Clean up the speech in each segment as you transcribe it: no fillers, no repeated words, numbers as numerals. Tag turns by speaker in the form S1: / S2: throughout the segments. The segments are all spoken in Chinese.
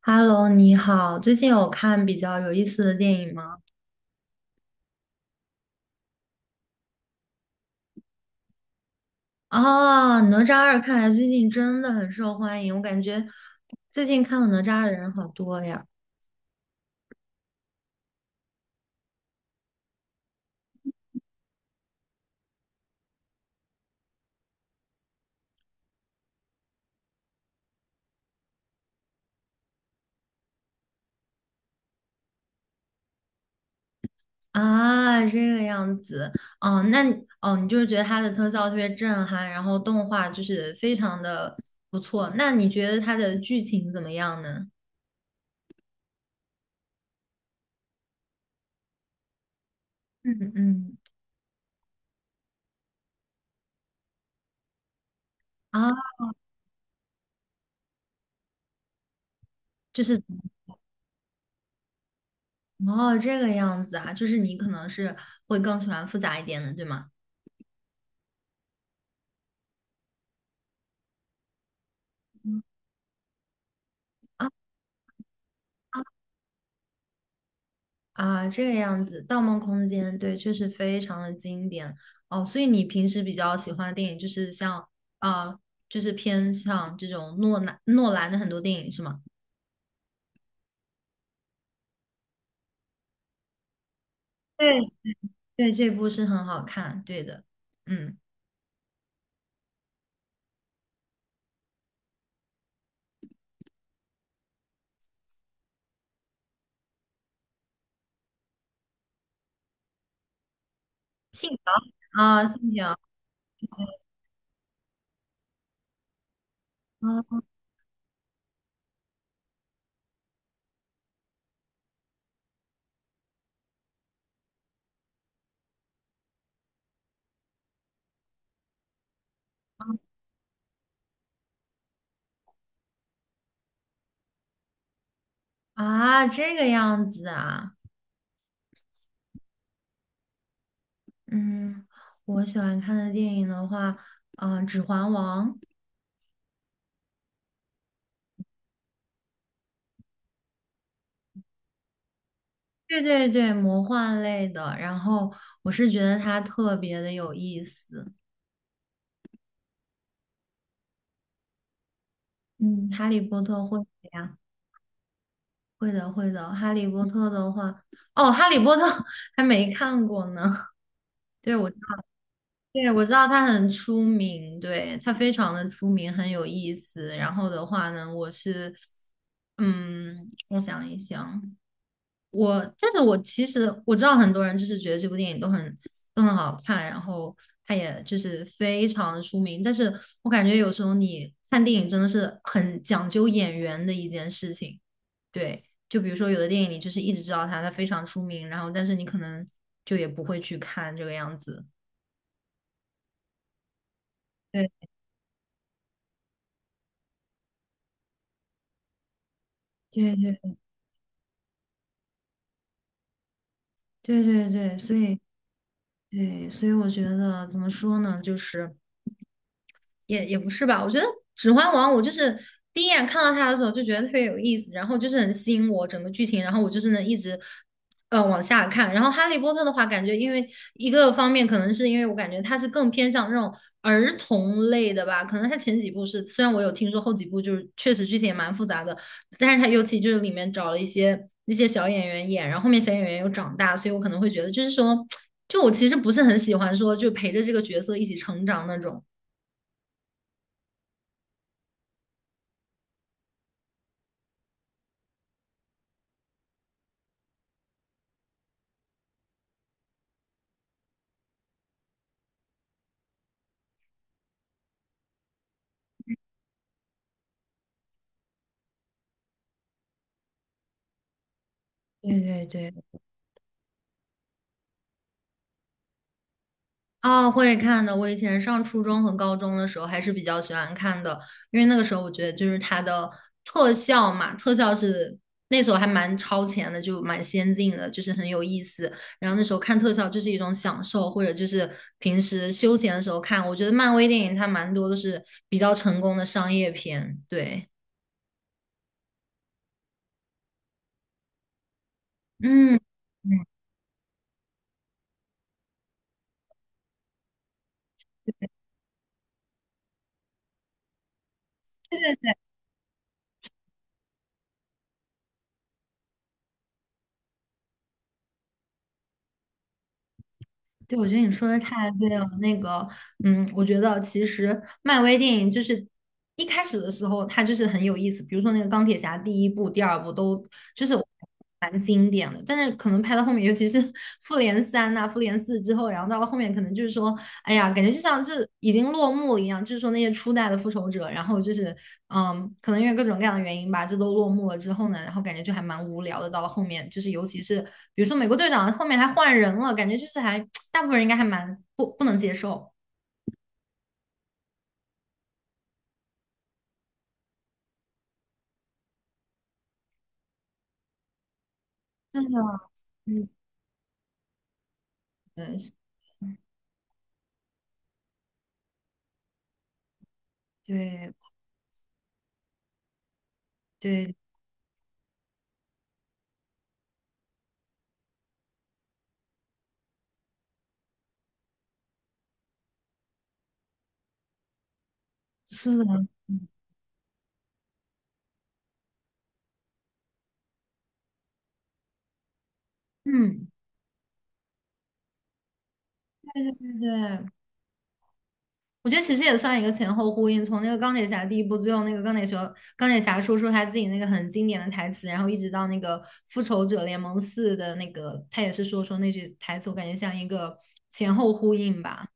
S1: Hello，你好，最近有看比较有意思的电影吗？哦，《哪吒二》看来最近真的很受欢迎，我感觉最近看了《哪吒》的人好多呀。啊，这个样子，哦，那你哦，你就是觉得它的特效特别震撼，然后动画就是非常的不错。那你觉得它的剧情怎么样呢？嗯嗯，啊，就是哦，这个样子啊，就是你可能是会更喜欢复杂一点的，对吗？嗯。啊，这个样子，《盗梦空间》对，确实非常的经典哦。所以你平时比较喜欢的电影就是像啊、就是偏向这种诺兰的很多电影是吗？对，对，这部是很好看，对的，嗯，信条啊，信条啊，啊，这个样子啊，嗯，我喜欢看的电影的话，啊、指环王》，对对对，魔幻类的，然后我是觉得它特别的有意思。嗯，哈利波特会的呀，会的会的。哈利波特的话，哦，哈利波特 还没看过呢。对，我知道对我知道它很出名，对，它非常的出名，很有意思。然后的话呢，我是，嗯，我想一想，但是我其实知道很多人就是觉得这部电影都很好看，然后他也就是非常的出名。但是我感觉有时候你看电影真的是很讲究演员的一件事情。对，就比如说有的电影你就是一直知道他，他非常出名，然后但是你可能就也不会去看这个样子。对对对对对对，所以对，所以我觉得怎么说呢，就是。也不是吧，我觉得《指环王》，我就是第一眼看到它的时候就觉得特别有意思，然后就是很吸引我整个剧情，然后我就是能一直往下看。然后《哈利波特》的话，感觉因为一个方面可能是因为我感觉它是更偏向那种儿童类的吧，可能它前几部是，虽然我有听说后几部就是确实剧情也蛮复杂的，但是它尤其就是里面找了一些那些小演员演，然后后面小演员又长大，所以我可能会觉得就是说，就我其实不是很喜欢说就陪着这个角色一起成长那种。对对对，哦，会看的。我以前上初中和高中的时候还是比较喜欢看的，因为那个时候我觉得就是它的特效嘛，特效是那时候还蛮超前的，就蛮先进的，就是很有意思。然后那时候看特效就是一种享受，或者就是平时休闲的时候看。我觉得漫威电影它蛮多都是比较成功的商业片，对，嗯。嗯对对，我觉得你说的太对了。那个，嗯，我觉得其实漫威电影就是一开始的时候，它就是很有意思。比如说那个钢铁侠第一部、第二部都就是蛮经典的，但是可能拍到后面，尤其是 复联三呐、复联四之后，然后到了后面，可能就是说哎呀，感觉就像这已经落幕了一样，就是说那些初代的复仇者，然后就是，嗯，可能因为各种各样的原因吧，这都落幕了之后呢，然后感觉就还蛮无聊的。到了后面，就是尤其是比如说美国队长后面还换人了，感觉就是还 大部分人应该还蛮不能接受。是的，嗯，嗯，对对，是的，嗯，对对。我觉得其实也算一个前后呼应，从那个钢铁侠第一部，最后那个钢铁侠说出他自己那个很经典的台词，然后一直到那个复仇者联盟四的那个，他也是说出那句台词，我感觉像一个前后呼应吧。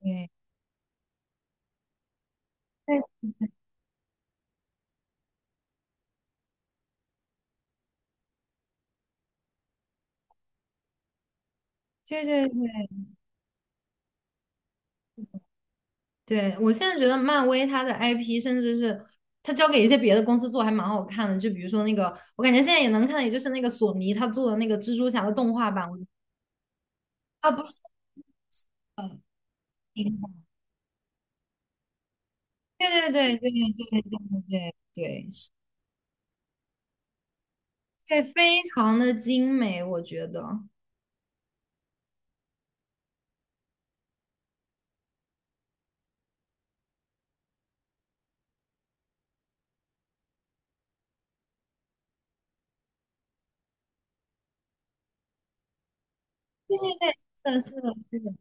S1: 对，对对对对，对，我现在觉得漫威它的 IP，甚至是它交给一些别的公司做，还蛮好看的。就比如说那个，我感觉现在也能看的，也就是那个索尼他做的那个蜘蛛侠的动画版，我啊不是，呃，对对对对对对对对对，是对，非常的精美，我觉得。对对对，是的，是的，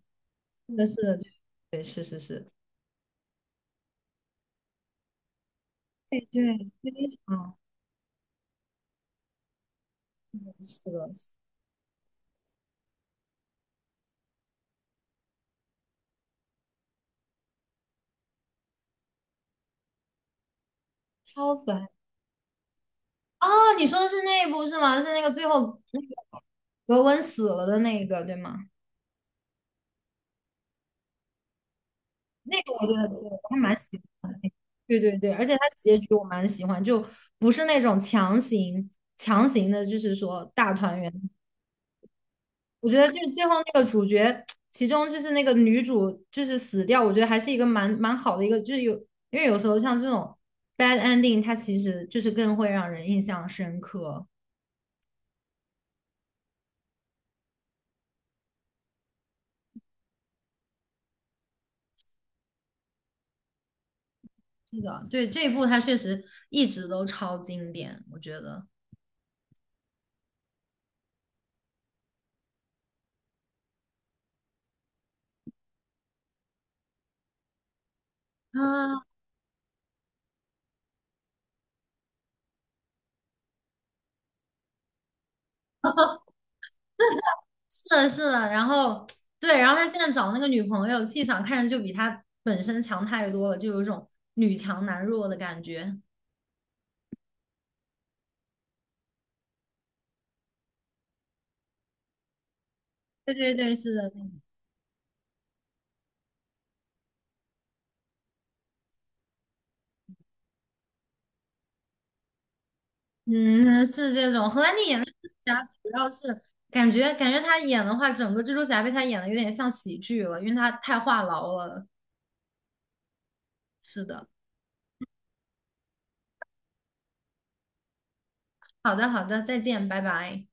S1: 是的，是的，是的，对，是是是，对对，非常是的，是超凡。哦，你说的是那一部是吗？是那个最后那个格温死了的那一个，对吗？那个我觉得对，我还蛮喜欢。对对对，而且它结局我蛮喜欢，就不是那种强行的，就是说大团圆。我觉得就是最后那个主角，其中就是那个女主就是死掉，我觉得还是一个蛮好的一个，就是有因为有时候像这种 bad ending，它其实就是更会让人印象深刻。是的，对这一部它确实一直都超经典，我觉得。啊，是的，是的。然后对，然后他现在找那个女朋友，气场看着就比他本身强太多了，就有一种女强男弱的感觉。对对对，是的。嗯，是这种。荷兰弟演的蜘蛛侠，主要是感觉他演的话，整个蜘蛛侠被他演的有点像喜剧了，因为他太话痨了。是的，好的好的，再见，拜拜。